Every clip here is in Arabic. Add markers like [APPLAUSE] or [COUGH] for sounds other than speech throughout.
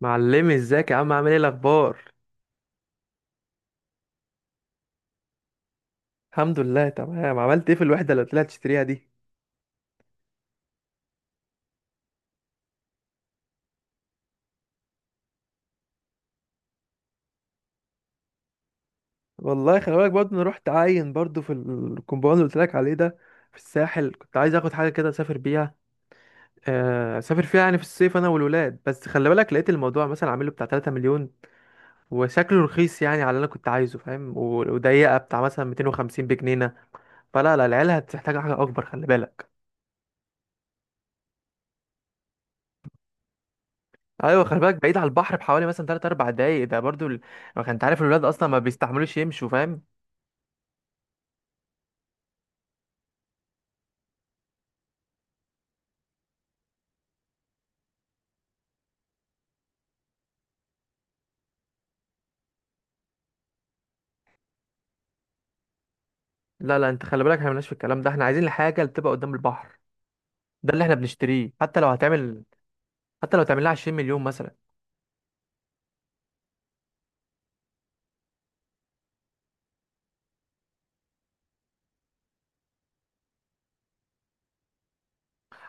معلمي ازيك يا عم؟ عامل ايه الاخبار؟ الحمد لله تمام. عملت ايه في الوحده اللي طلعت تشتريها دي؟ والله خلي بالك، برضه انا رحت عاين برضه في الكومباوند اللي قلت لك عليه ده، في الساحل. كنت عايز اخد حاجه كده اسافر بيها، اسافر فيها يعني في الصيف انا والولاد. بس خلي بالك لقيت الموضوع مثلا عامله بتاع 3 مليون وشكله رخيص يعني على اللي انا كنت عايزه، فاهم؟ وضيقه بتاع مثلا 250 بجنينه. فلا لا، العيال هتحتاج حاجه اكبر، خلي بالك. ايوه خلي بالك، بعيد على البحر بحوالي مثلا 3 4 دقايق. ده برضه ما كنت عارف الولاد اصلا ما بيستحملوش يمشوا، فاهم؟ لا لا، انت خلي بالك، احنا مالناش في الكلام ده. احنا عايزين الحاجه اللي تبقى قدام البحر، ده اللي احنا بنشتريه. حتى لو هتعمل، حتى لو تعمل لها 20 مليون مثلا.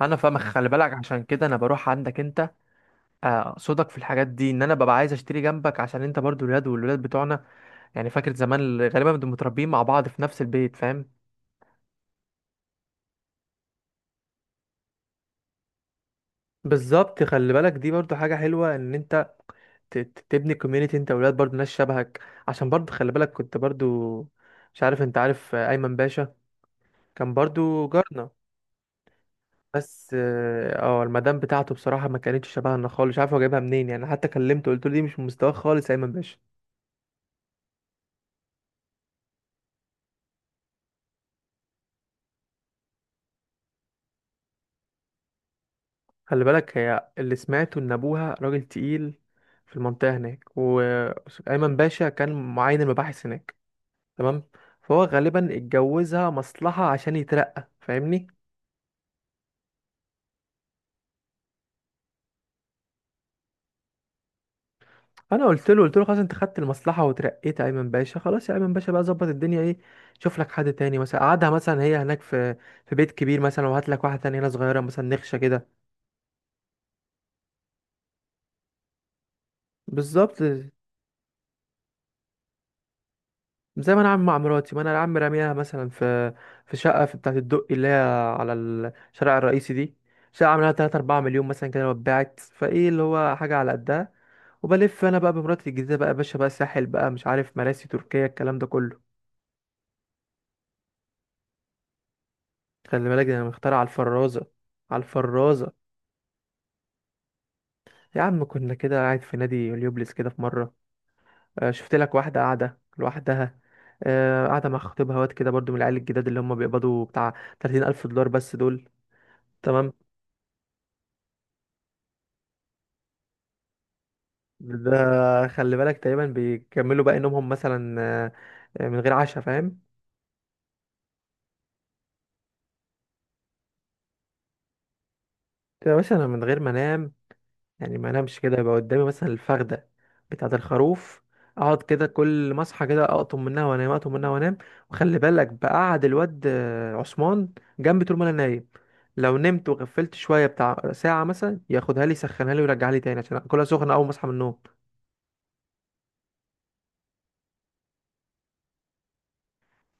انا فاهمك، خلي بالك عشان كده انا بروح عندك انت، صدق في الحاجات دي، ان انا ببقى عايز اشتري جنبك عشان انت برضو الولاد والولاد بتوعنا، يعني فاكر زمان اللي غالبا بنبقى متربيين مع بعض في نفس البيت، فاهم؟ بالظبط. خلي بالك دي برضو حاجة حلوة، ان انت تبني كوميونيتي انت وولاد برضو ناس شبهك. عشان برضو خلي بالك، كنت برضو مش عارف انت عارف ايمن باشا؟ كان برضو جارنا. بس المدام بتاعته بصراحة ما كانتش شبهنا خالص. مش عارف هو جايبها منين يعني. حتى كلمته قلت له دي مش من مستواك خالص يا ايمن باشا. خلي بالك، هي اللي سمعته ان ابوها راجل تقيل في المنطقة هناك، وايمن باشا كان معين المباحث هناك، تمام؟ فهو غالبا اتجوزها مصلحة عشان يترقى، فاهمني؟ انا قلت له، قلت له خلاص انت خدت المصلحة وترقيت يا ايمن باشا، خلاص يا ايمن باشا، بقى ظبط الدنيا، ايه؟ شوف لك حد تاني مثلا، قعدها مثلا هي هناك في في بيت كبير مثلا، وهات لك واحدة تانية هنا صغيرة مثلا، نخشة كده. بالظبط، زي ما انا عامل مع مراتي. ما انا العم راميها مثلا في في شقه في بتاعه الدقي، اللي هي على الشارع الرئيسي دي، شقه عاملاها 3 4 مليون مثلا كده، واتباعت فايه، اللي هو حاجه على قدها. وبلف انا بقى بمراتي الجديده بقى يا باشا بقى ساحل بقى مش عارف مراسي تركيا الكلام ده كله. خلي بالك ده انا مختار على الفرازه، على الفرازه. يا عم كنا كده قاعد في نادي اليوبليس كده في مره، شفت لك واحده قاعده لوحدها، قاعده مع خطيبها، واد كده برضو من العيال الجداد اللي هم بيقبضوا بتاع 30,000 دولار بس دول، تمام؟ ده خلي بالك تقريبا بيكملوا باقي نومهم مثلا، من غير عشاء، فاهم؟ كده مثلا انا من غير ما انام، يعني ما انامش كده، يبقى قدامي مثلا الفخده بتاعه الخروف، اقعد كده كل ما اصحى كده اقطم منها وانام، اقطم منها وانام. وخلي بالك بقعد الواد عثمان جنبي طول ما انا نايم، لو نمت وغفلت شويه بتاع ساعه مثلا ياخدها لي يسخنها لي ويرجعها لي تاني عشان اكلها سخنه اول ما اصحى من النوم.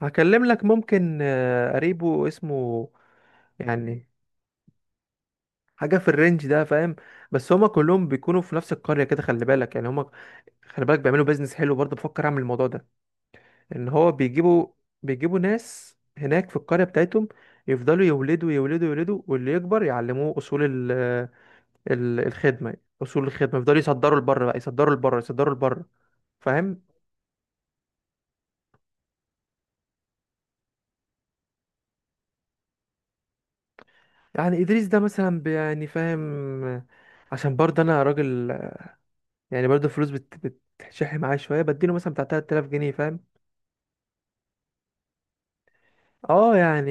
هكلم لك ممكن قريبه اسمه، يعني حاجه في الرينج ده، فاهم؟ بس هما كلهم بيكونوا في نفس القريه كده، خلي بالك يعني هما، خلي بالك بيعملوا بيزنس حلو. برضه بفكر اعمل الموضوع ده، ان هو بيجيبوا، بيجيبوا ناس هناك في القريه بتاعتهم، يفضلوا يولدوا يولدوا يولدوا، واللي يكبر يعلموه اصول ال ال الخدمه، اصول الخدمه، يفضلوا يصدروا لبره بقى، يصدروا لبره، يصدروا لبره، فاهم؟ يعني ادريس ده مثلا يعني فاهم، عشان برضه انا راجل يعني برضه فلوس بتشح معايا شويه، بديله مثلا بتاع 3,000 جنيه، فاهم؟ اه يعني.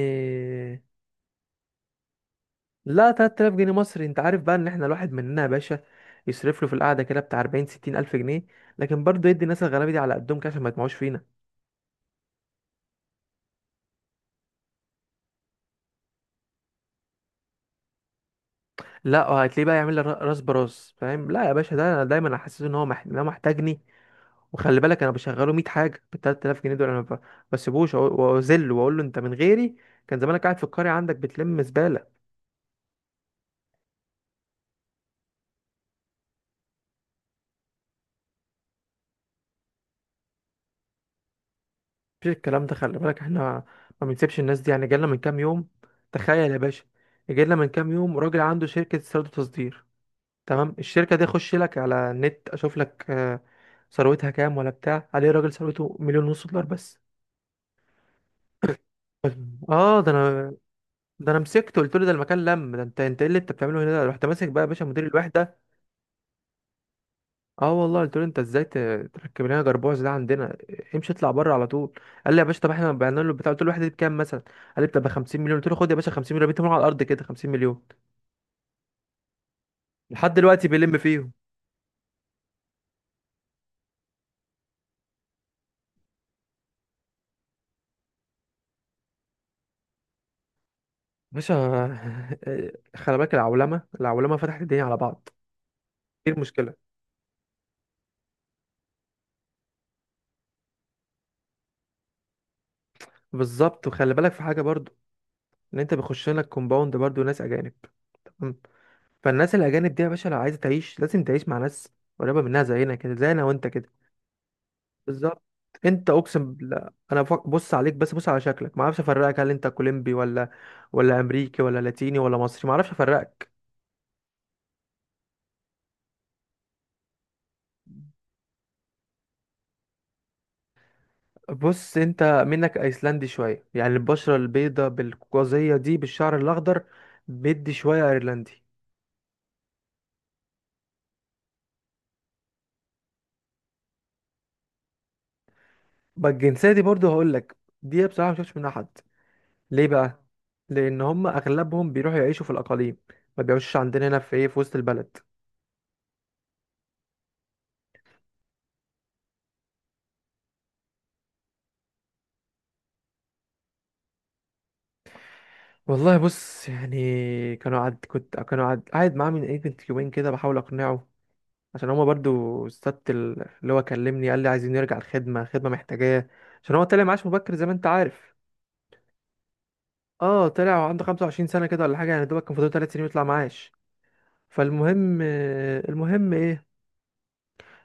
لا، 3,000 جنيه مصري. انت عارف بقى ان احنا الواحد مننا يا باشا يصرف له في القعده كده بتاع 40 60 الف جنيه، لكن برضه يدي الناس الغلابه دي على قدهم كده عشان ما يطمعوش فينا. لا وهتلاقيه بقى يعمل لي راس براس، فاهم؟ لا يا باشا، ده انا دايما احسسه ان هو إن هو محتاجني. وخلي بالك انا بشغله 100 حاجه بال 3,000 جنيه دول. انا ما بسيبوش واذله واقول له انت من غيري كان زمانك قاعد في القريه عندك بتلم زباله. مفيش الكلام ده، خلي بالك، احنا ما بنسيبش الناس دي. يعني جالنا من كام يوم، تخيل يا باشا، جالنا من كام يوم راجل عنده شركه استيراد وتصدير، تمام؟ الشركة دي اخش لك على النت اشوف لك ثروتها كام ولا بتاع عليه، راجل ثروته مليون ونص دولار بس. [LAUGHS] اه ده انا، ده انا مسكته قلت له ده المكان لم. ده انت انت ايه اللي انت بتعمله هنا ده؟ رحت ماسك بقى يا باشا مدير الوحده. اه والله، قلت له انت ازاي تركب لنا جربوع ده عندنا؟ امشي اطلع بره على طول. قال لي يا باشا طب احنا بعنا له البتاع. قلت له الوحده دي بكام مثلا؟ قال لي بتبقى 50 مليون. قلت له خد يا باشا 50 مليون، رميتهم على الارض كده، 50 مليون. لحد دلوقتي بيلم فيهم باشا. [LAUGHS] خلي بالك، العولمه، العولمه فتحت الدنيا على بعض، ايه المشكله؟ بالظبط. وخلي بالك في حاجه برضو، ان انت بيخش لك كومباوند برضو ناس اجانب، تمام؟ فالناس الاجانب دي يا باشا لو عايزه تعيش لازم تعيش مع ناس قريبه منها زينا كده، زينا وانت كده. بالظبط. انت اقسم بالله انا بص عليك، بس بص على شكلك، ما اعرفش افرقك، هل انت كولومبي ولا، ولا امريكي ولا لاتيني ولا مصري؟ ما اعرفش افرقك. بص انت منك ايسلندي شويه، يعني البشره البيضاء بالقوقازيه دي بالشعر الاخضر، بدي شويه ايرلندي. بقى الجنسيه دي برضو هقول لك، دي بصراحه ما شفتش منها حد. ليه بقى؟ لان هم اغلبهم بيروحوا يعيشوا في الاقاليم، ما بيعيشوش عندنا هنا في ايه، في وسط البلد. والله بص، يعني كانوا قعد قاعد معاه من ايه بنت يومين كده بحاول اقنعه، عشان هما برضو السبت اللي هو كلمني قال لي عايزين نرجع الخدمة، الخدمة محتاجاه، عشان هو طلع معاش مبكر زي ما انت عارف. اه طلع وعنده 25 سنة كده ولا حاجة، يعني دوبك كان فاضل 3 سنين يطلع معاش. فالمهم، المهم ايه،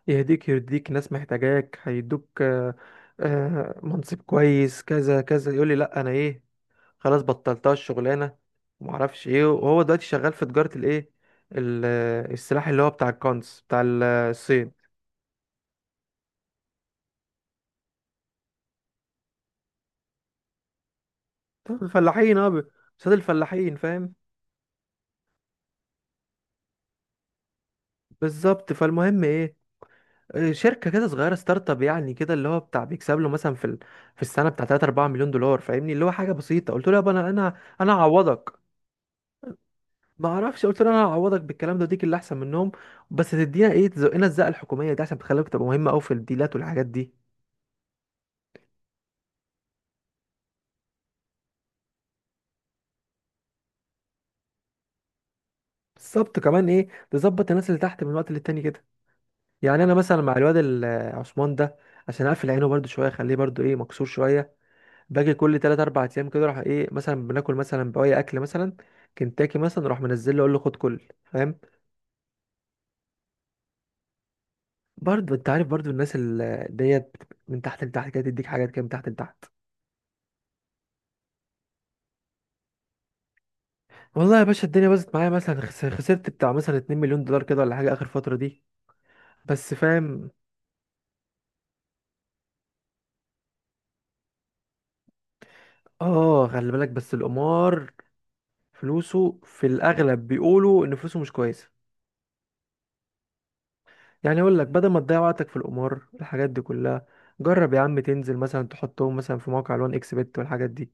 يهديك يرديك، ناس محتاجاك، هيدوك منصب كويس كذا كذا. يقول لي لا، انا ايه، خلاص بطلتها الشغلانه. ومعرفش ايه، وهو دلوقتي شغال في تجاره الايه، السلاح، اللي هو بتاع الكونس بتاع الصين. طب الفلاحين اه قصاد الفلاحين، فاهم؟ بالظبط. فالمهم ايه، شركه كده صغيره ستارت اب يعني كده، اللي هو بتاع بيكسب له مثلا في في السنه بتاع 3 4 مليون دولار، فاهمني؟ اللي هو حاجه بسيطه. قلت له يابا انا هعوضك. ما اعرفش، قلت له انا هعوضك بالكلام ده، وديك اللي احسن منهم، بس تدينا ايه، تزقنا الزقه الحكوميه دي عشان تخليك تبقى مهمه قوي في الديلات والحاجات دي. بالظبط. كمان ايه، تظبط الناس اللي تحت من وقت للتاني كده. يعني انا مثلا مع الواد عثمان ده، عشان اقفل عينه برده شويه، اخليه برده ايه، مكسور شويه، باجي كل 3 4 ايام كده، اروح ايه مثلا، بناكل مثلا بواقي اكل مثلا كنتاكي مثلا، اروح منزل له، اقول له خد كل، فاهم؟ برضه انت عارف برضه الناس ديت من تحت لتحت كده تديك حاجات كده من تحت لتحت. والله يا باشا الدنيا باظت معايا مثلا، خسرت بتاع مثلا 2 مليون دولار كده ولا حاجة آخر فترة دي بس، فاهم؟ اه خلي بالك، بس القمار فلوسه في الأغلب، بيقولوا إن فلوسه مش كويسة. يعني أقول لك، بدل ما تضيع وقتك في القمار الحاجات دي كلها، جرب يا عم تنزل مثلا تحطهم مثلا في موقع الوان اكس بت والحاجات دي.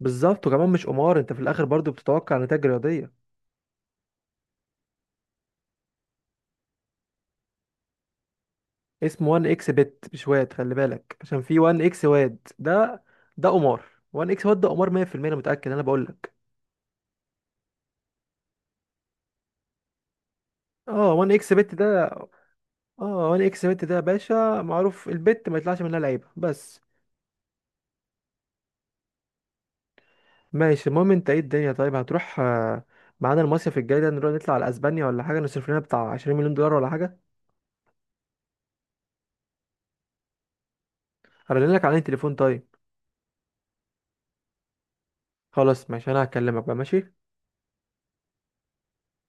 بالظبط، وكمان مش قمار، انت في الاخر برضو بتتوقع نتائج رياضيه. اسمه وان اكس بت، مش واد، خلي بالك عشان في وان اكس واد ده، ده قمار. وان اكس واد ده قمار 100%، انا متاكد انا بقول. اه 1 اكس بت ده، اه 1 اكس بت ده يا باشا معروف، البت ما يطلعش منها لعيبه بس. ماشي. المهم انت ايه الدنيا، طيب هتروح معانا المصيف الجاي ده، نروح نطلع على اسبانيا ولا حاجه، نصرف لنا بتاع 20 مليون دولار ولا حاجه؟ هرن لك على التليفون، طيب؟ خلاص ماشي، انا هكلمك بقى. ماشي.